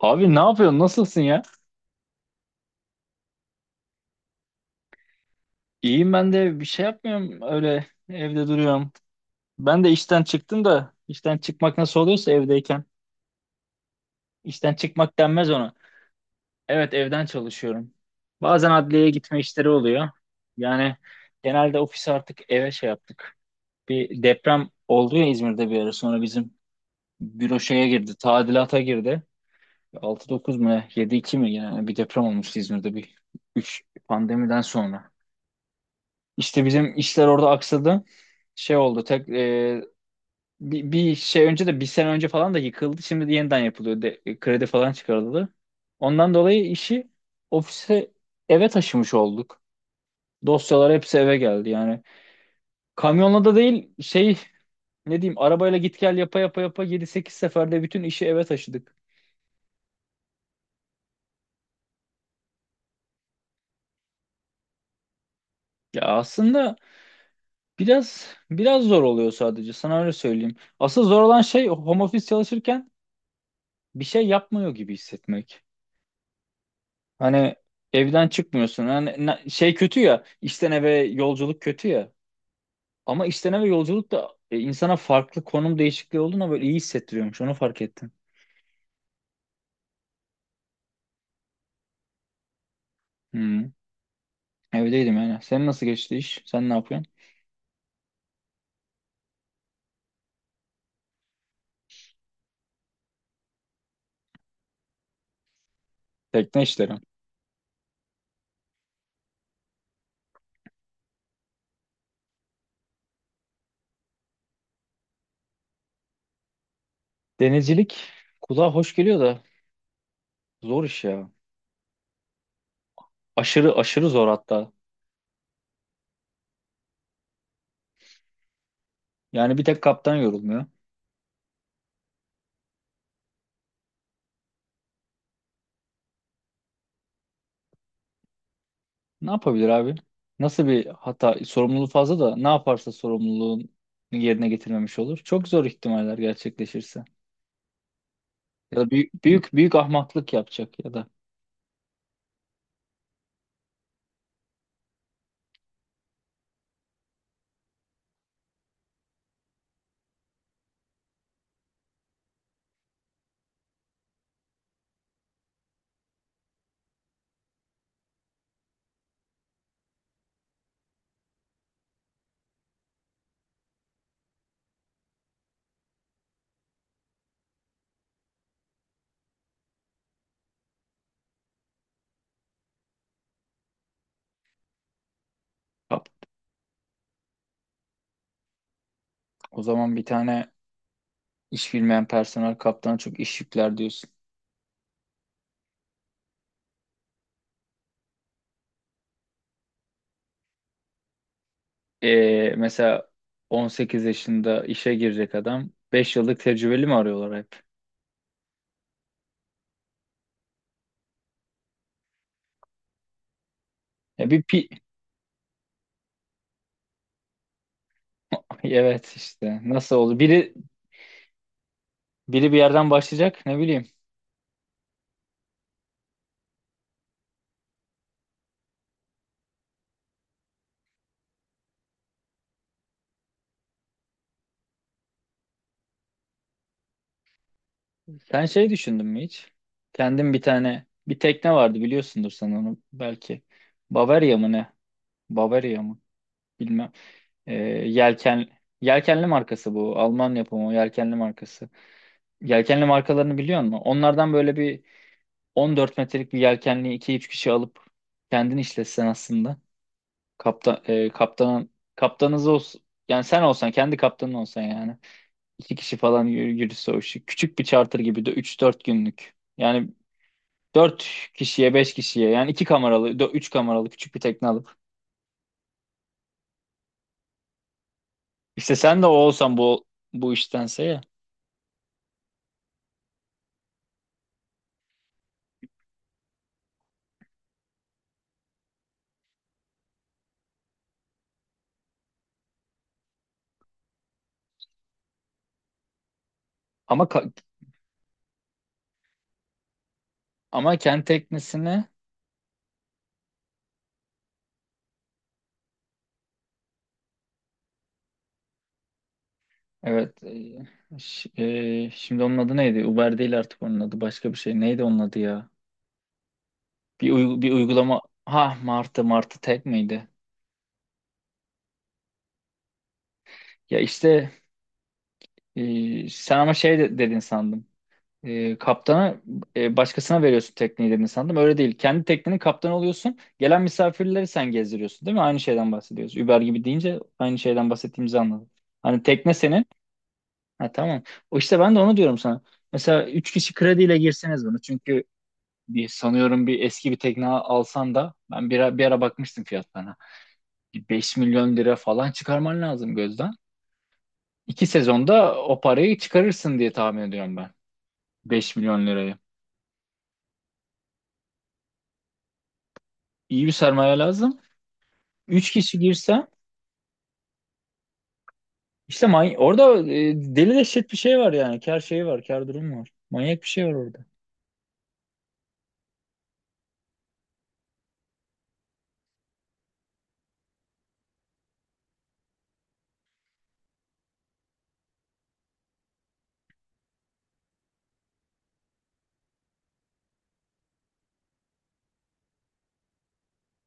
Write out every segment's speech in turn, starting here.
Abi ne yapıyorsun? Nasılsın ya? İyiyim ben de bir şey yapmıyorum. Öyle evde duruyorum. Ben de işten çıktım da işten çıkmak nasıl oluyorsa evdeyken. İşten çıkmak denmez ona. Evet evden çalışıyorum. Bazen adliyeye gitme işleri oluyor. Yani genelde ofisi artık eve şey yaptık. Bir deprem oldu ya İzmir'de bir ara sonra bizim büro şeye girdi. Tadilata girdi. 6-9 mu ne? 7-2 mi? Yani bir deprem olmuştu İzmir'de bir 3 pandemiden sonra. İşte bizim işler orada aksadı. Şey oldu. Tek bir şey önce de bir sene önce falan da yıkıldı. Şimdi de yeniden yapılıyor. De, kredi falan çıkarıldı. Ondan dolayı işi ofise eve taşımış olduk. Dosyalar hepsi eve geldi yani. Kamyonla da değil şey ne diyeyim arabayla git gel yapa yapa yapa yedi sekiz seferde bütün işi eve taşıdık. Ya aslında biraz zor oluyor sadece sana öyle söyleyeyim. Asıl zor olan şey home office çalışırken bir şey yapmıyor gibi hissetmek. Hani evden çıkmıyorsun. Hani şey kötü ya. İşten eve yolculuk kötü ya. Ama işten eve yolculuk da insana farklı konum değişikliği olduğuna böyle iyi hissettiriyormuş. Onu fark ettim. Hmm. Evdeydim yani. Senin nasıl geçti iş? Sen ne yapıyorsun? Tekne işleri. Denizcilik kulağa hoş geliyor da zor iş ya. Aşırı aşırı zor hatta. Yani bir tek kaptan yorulmuyor. Ne yapabilir abi? Nasıl bir hata, sorumluluğu fazla da ne yaparsa sorumluluğun yerine getirmemiş olur. Çok zor ihtimaller gerçekleşirse. Ya da büyük ahmaklık yapacak ya da kap. O zaman bir tane iş bilmeyen personel kaptana çok iş yükler diyorsun. Mesela 18 yaşında işe girecek adam 5 yıllık tecrübeli mi arıyorlar hep? Ya bir pi evet işte nasıl oldu? Biri bir yerden başlayacak ne bileyim. Sen şey düşündün mü hiç? Kendim bir tane bir tekne vardı biliyorsundur sen onu belki. Bavaria mı ne? Bavaria mı? Bilmem. Ee, yelken yelkenli markası bu. Alman yapımı yelkenli markası. Yelkenli markalarını biliyor musun? Onlardan böyle bir 14 metrelik bir yelkenli iki üç kişi alıp kendin işletsen aslında. Kaptan e, kaptanın kaptanınız olsun. Yani sen olsan kendi kaptanın olsan yani. İki kişi falan yürüse o işi. Küçük bir charter gibi de üç dört günlük. Yani dört kişiye 5 kişiye yani 2 kameralı 3 kameralı küçük bir tekne alıp. İşte sen de o olsan bu iştense ya. Ama ka- Ama kendi teknesini evet şimdi onun adı neydi? Uber değil artık onun adı başka bir şey. Neydi onun adı ya? Bir uygulama ha Martı Martı tek miydi? Ya işte sen ama dedin sandım. E, kaptana başkasına veriyorsun tekneyi dedin sandım. Öyle değil. Kendi teknenin kaptanı oluyorsun. Gelen misafirleri sen gezdiriyorsun değil mi? Aynı şeyden bahsediyoruz. Uber gibi deyince aynı şeyden bahsettiğimizi anladım. Hani tekne senin. Ha tamam. O işte ben de onu diyorum sana. Mesela 3 kişi krediyle girseniz bunu. Çünkü bir, sanıyorum bir eski bir tekne alsan da ben bir ara bakmıştım fiyatlarına. Bir 5.000.000 lira falan çıkarman lazım gözden. İki sezonda o parayı çıkarırsın diye tahmin ediyorum ben. 5.000.000 lirayı. İyi bir sermaye lazım. Üç kişi girse işte orada deli dehşet bir şey var yani. Kar şeyi var, kar durumu var. Manyak bir şey var orada.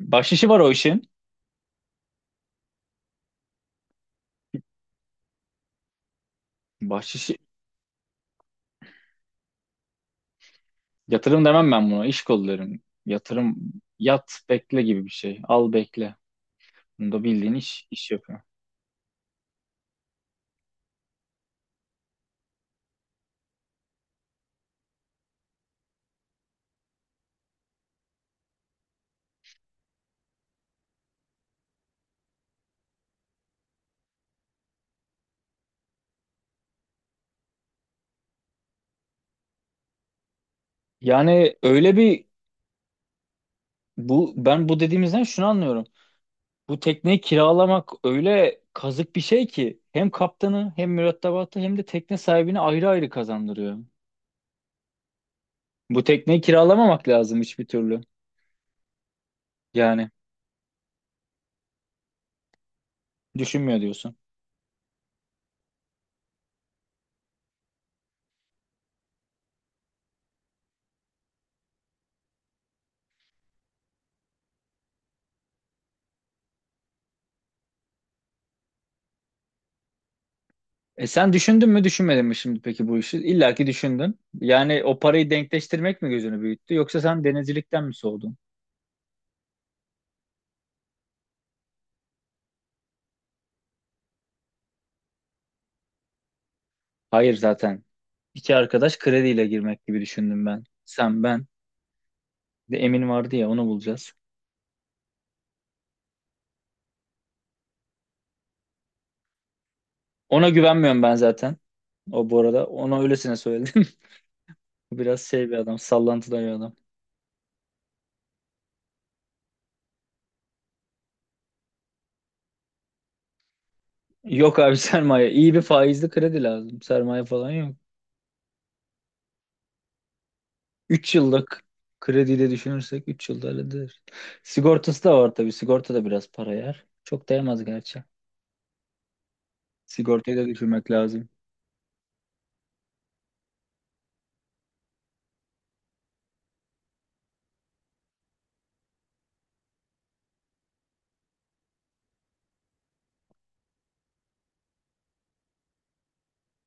Bahşişi var o işin. Bahşişi. Yatırım demem ben buna. İş kolu derim. Yatırım yat bekle gibi bir şey. Al bekle. Bunda bildiğin iş, iş yapıyor. Yani öyle bir bu ben bu dediğimizden şunu anlıyorum. Bu tekneyi kiralamak öyle kazık bir şey ki hem kaptanı hem mürettebatı hem de tekne sahibini ayrı ayrı kazandırıyor. Bu tekneyi kiralamamak lazım hiçbir türlü. Yani düşünmüyor diyorsun. E sen düşündün mü düşünmedin mi şimdi peki bu işi? İlla ki düşündün. Yani o parayı denkleştirmek mi gözünü büyüttü yoksa sen denizcilikten mi soğudun? Hayır zaten. İki arkadaş krediyle girmek gibi düşündüm ben. Sen ben. Bir de Emin vardı ya onu bulacağız. Ona güvenmiyorum ben zaten. O bu arada ona öylesine söyledim. Biraz şey bir adam, sallantıda bir adam. Yok abi sermaye. İyi bir faizli kredi lazım. Sermaye falan yok. 3 yıllık krediyle düşünürsek 3 yılda halledilir. Sigortası da var tabii. Sigorta da biraz para yer. Çok değmez gerçi. Sigortayı da düşünmek lazım.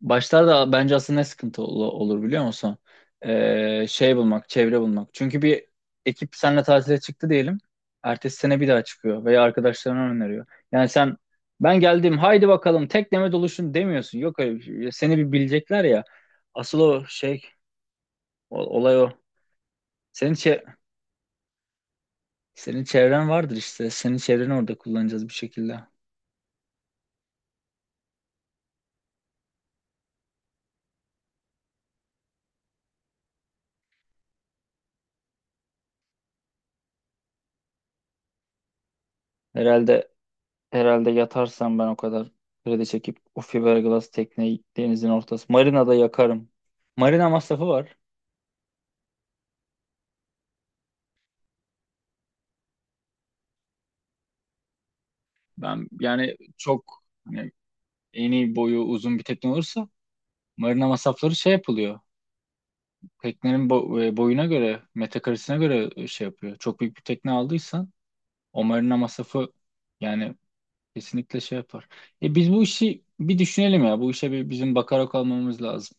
Başlarda bence aslında ne sıkıntı olur biliyor musun? Şey bulmak, çevre bulmak. Çünkü bir ekip seninle tatile çıktı diyelim. Ertesi sene bir daha çıkıyor veya arkadaşlarına öneriyor. Yani sen ben geldim haydi bakalım tekneme doluşun demiyorsun. Yok öyle bir şey. Seni bir bilecekler ya. Asıl o şey olay o. Senin çe- Senin çevren vardır işte. Senin çevreni orada kullanacağız bir şekilde. Herhalde Herhalde yatarsam ben o kadar kredi çekip o fiberglass tekneyi denizin ortası. Marina'da yakarım. Marina masrafı var. Ben yani çok hani eni boyu uzun bir tekne olursa marina masrafları şey yapılıyor. Teknenin boyuna göre, metrekaresine göre şey yapıyor. Çok büyük bir tekne aldıysan o marina masrafı yani kesinlikle şey yapar. E biz bu işi bir düşünelim ya. Bu işe bir bizim bakarak olmamız lazım.